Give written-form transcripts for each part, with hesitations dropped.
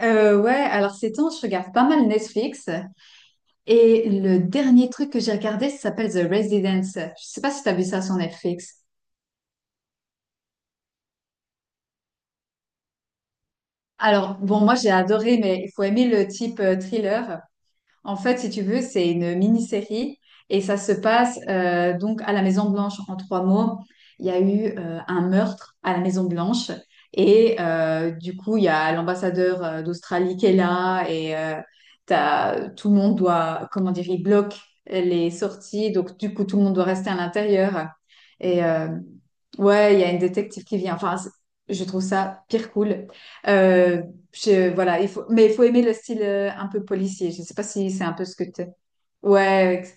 Ouais, alors ces temps, je regarde pas mal Netflix et le dernier truc que j'ai regardé, ça s'appelle The Residence. Je sais pas si t'as vu ça sur Netflix. Alors, bon, moi j'ai adoré, mais il faut aimer le type thriller. En fait, si tu veux, c'est une mini-série et ça se passe donc à la Maison Blanche en trois mots. Il y a eu un meurtre à la Maison Blanche et du coup, il y a l'ambassadeur d'Australie qui est là et tout le monde doit, comment dire, il bloque les sorties. Donc, du coup, tout le monde doit rester à l'intérieur. Et ouais, il y a une détective qui vient. Enfin, je trouve ça pire cool. Euh, voilà, il faut, mais il faut aimer le style un peu policier. Je sais pas si c'est un peu ce que tu. Ouais.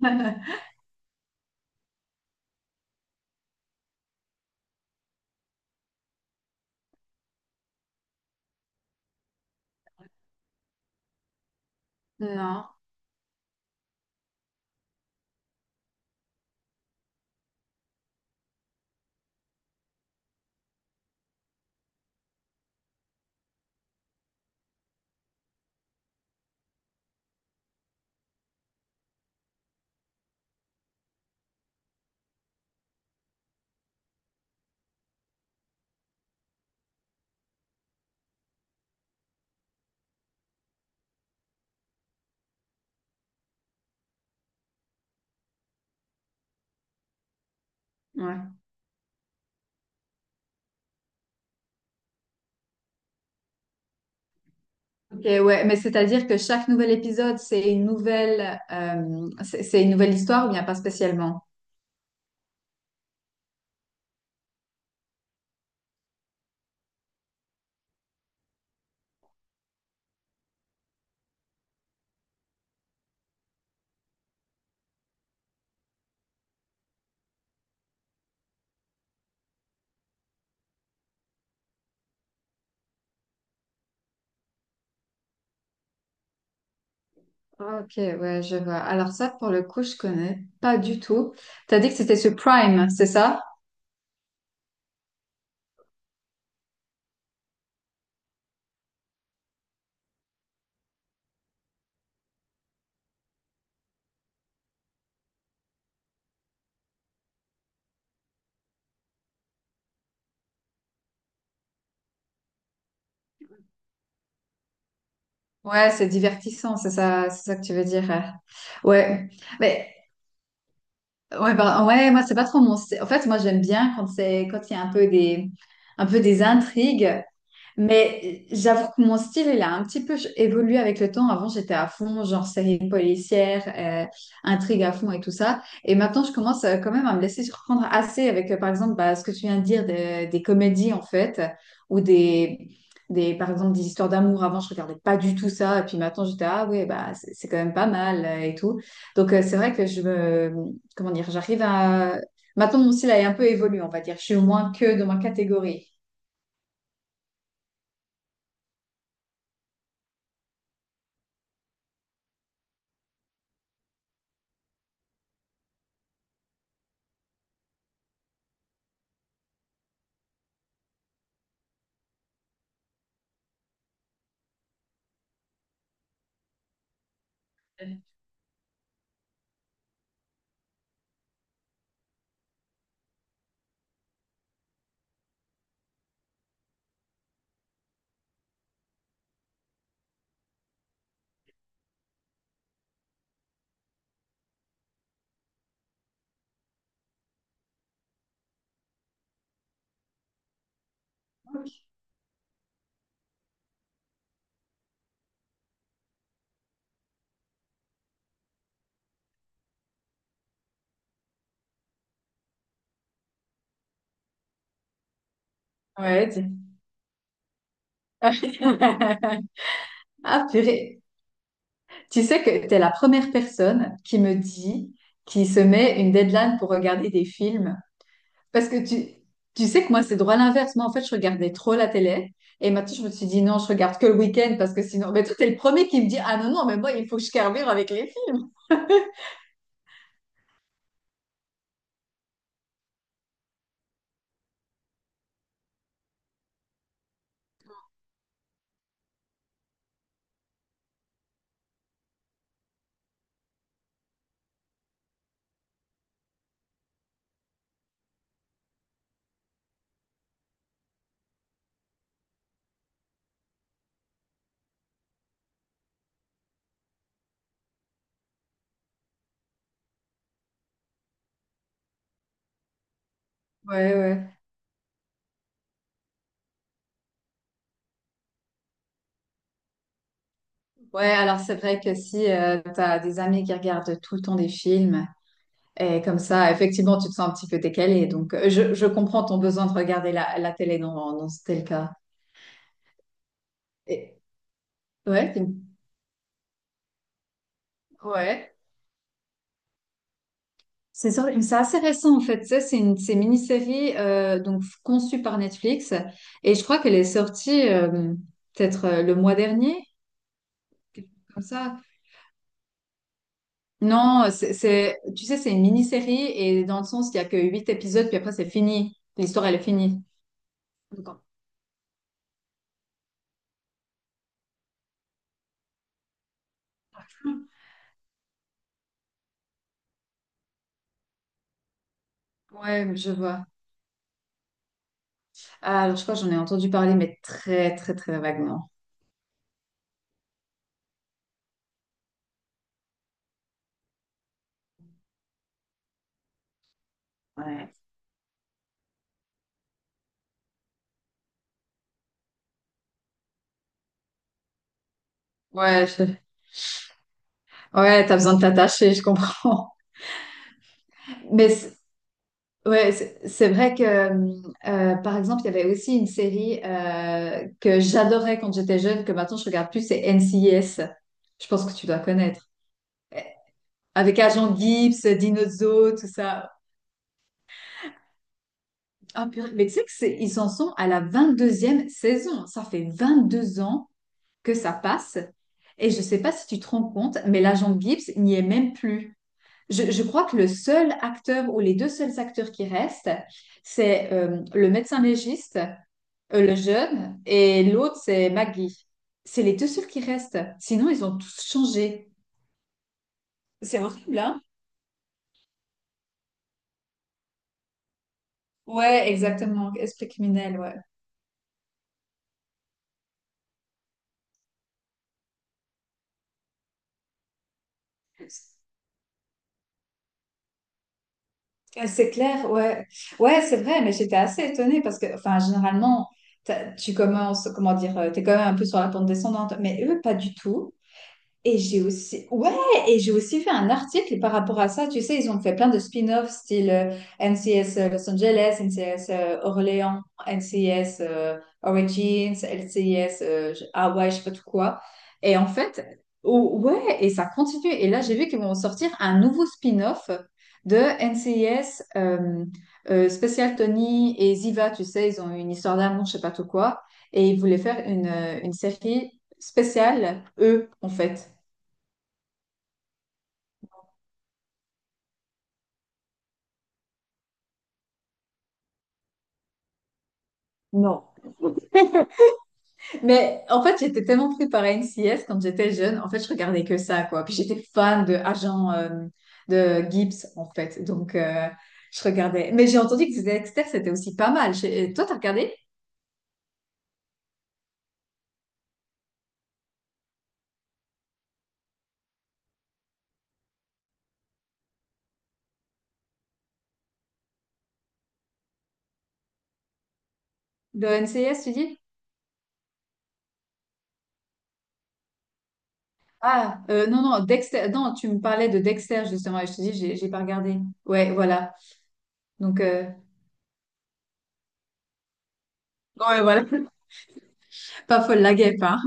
Non. Ouais. Ok, ouais. Mais c'est-à-dire que chaque nouvel épisode, c'est une nouvelle, c'est une nouvelle histoire ou bien pas spécialement? Ok, ouais, je vois. Alors ça, pour le coup, je connais pas du tout. T'as dit que c'était sur Prime, c'est ça? Ouais, c'est divertissant, c'est ça que tu veux dire. Ouais, mais ouais, bah, ouais, moi c'est pas trop mon. En fait, moi j'aime bien quand c'est quand il y a un peu des intrigues. Mais j'avoue que mon style, il a un petit peu évolué avec le temps. Avant, j'étais à fond, genre série policière, intrigue à fond et tout ça. Et maintenant, je commence quand même à me laisser surprendre assez avec, par exemple, bah, ce que tu viens de dire des comédies, en fait, ou par exemple, des histoires d'amour. Avant, je regardais pas du tout ça. Et puis maintenant, j'étais, ah ouais, bah, c'est quand même pas mal et tout. Donc, c'est vrai que comment dire, j'arrive à. Maintenant, mon style a un peu évolué, on va dire. Je suis moins que dans ma catégorie. Ouais. Ah, purée. Tu sais que t'es la première personne qui me dit, qui se met une deadline pour regarder des films. Parce que tu sais que moi, c'est droit l'inverse. Moi, en fait, je regardais trop la télé. Et maintenant, je me suis dit, non, je regarde que le week-end parce que sinon. Mais toi, t'es le premier qui me dit, ah non, non, mais moi, il faut que je carbure avec les films. Ouais, ouais. Ouais, alors c'est vrai que si tu as des amis qui regardent tout le temps des films. Et comme ça, effectivement, tu te sens un petit peu décalé. Donc, je comprends ton besoin de regarder la télé. Non, non, non, c'était le cas. Et, ouais, ouais. C'est assez récent, en fait. Ça, c'est une mini-série donc, conçue par Netflix. Et je crois qu'elle est sortie peut-être le mois dernier, quelque chose comme ça. Non, tu sais, c'est une mini-série. Et dans le sens, il n'y a que huit épisodes, puis après, c'est fini. L'histoire, elle est finie. Donc, ouais, je vois. Ah, alors je crois que j'en ai entendu parler, mais très très très vaguement. Ouais, ouais, ouais, t'as besoin de t'attacher, je comprends. Mais c'est- ouais, c'est vrai que par exemple, il y avait aussi une série que j'adorais quand j'étais jeune, que maintenant je regarde plus, c'est NCIS. Je pense que tu dois connaître. Avec Agent Gibbs, Dino Zo, tout ça. Ah, purée. Mais tu sais que ils en sont à la 22e saison. Ça fait 22 ans que ça passe. Et je ne sais pas si tu te rends compte, mais l'agent Gibbs n'y est même plus. Je crois que le seul acteur ou les deux seuls acteurs qui restent, c'est le médecin légiste, le jeune, et l'autre, c'est Maggie. C'est les deux seuls qui restent. Sinon, ils ont tous changé. C'est horrible, hein? Ouais, exactement. Esprit criminel, ouais. Euh, C'est clair, ouais. Ouais, c'est vrai, mais j'étais assez étonnée parce que, enfin, généralement, tu commences, comment dire, tu es quand même un peu sur la pente descendante, mais eux, pas du tout. Ouais, et j'ai aussi fait un article par rapport à ça. Tu sais, ils ont fait plein de spin-offs, style NCS Los Angeles, NCS Orléans, NCS Origins, NCS Hawaii, je sais pas tout quoi. Et en fait, oh, ouais, et ça continue. Et là, j'ai vu qu'ils vont sortir un nouveau spin-off de NCS Special Tony et Ziva. Tu sais, ils ont une histoire d'amour, je sais pas tout quoi. Et ils voulaient faire une série spéciale, eux, en fait. Non. Mais en fait, j'étais tellement prise par NCIS quand j'étais jeune. En fait, je regardais que ça, quoi. Puis j'étais fan de Agent de Gibbs, en fait. Donc, je regardais. Mais j'ai entendu que Dexter, c'était aussi pas mal. Toi, t'as regardé le NCIS, tu dis? Ah, non, non, Dexter. Non, tu me parlais de Dexter, justement. Et je te dis, j'ai pas regardé. Ouais, voilà. Donc, ouais, voilà. Pas folle la guêpe, hein.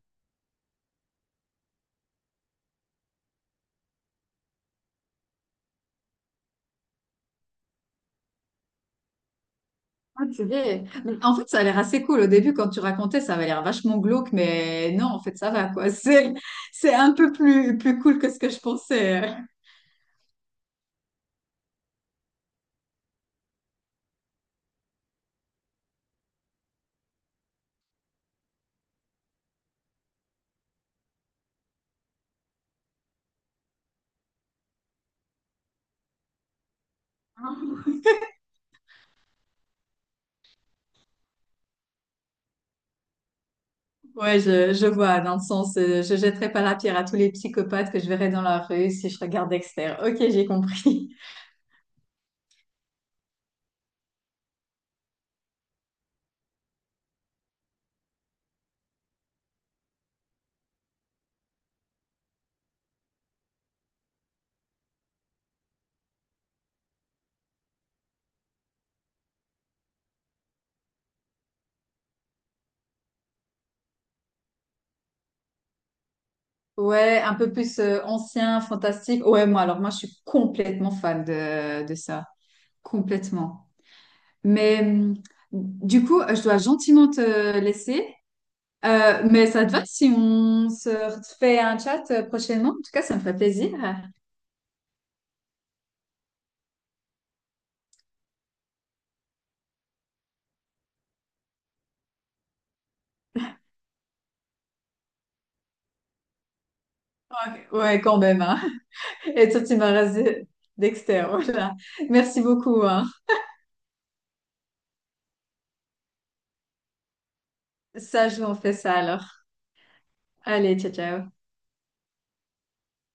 Ah, purée. Mais en fait, ça a l'air assez cool. Au début, quand tu racontais, ça avait l'air vachement glauque, mais non, en fait, ça va, quoi. C'est un peu plus, plus cool que ce que je pensais. euh. Ouais, je vois, dans le sens, je jetterai pas la pierre à tous les psychopathes que je verrai dans la rue si je regarde Dexter. Ok, j'ai compris. Ouais, un peu plus ancien, fantastique. Ouais, moi, alors moi, je suis complètement fan de ça. Complètement. Mais du coup, je dois gentiment te laisser. Mais ça te va si on se fait un chat prochainement? En tout cas, ça me ferait plaisir. Ok, ouais, quand même, hein. Et toi, tu m'as rasé Dexter, voilà. Merci beaucoup, hein. Ça, je vous en fais ça alors. Allez, ciao, ciao.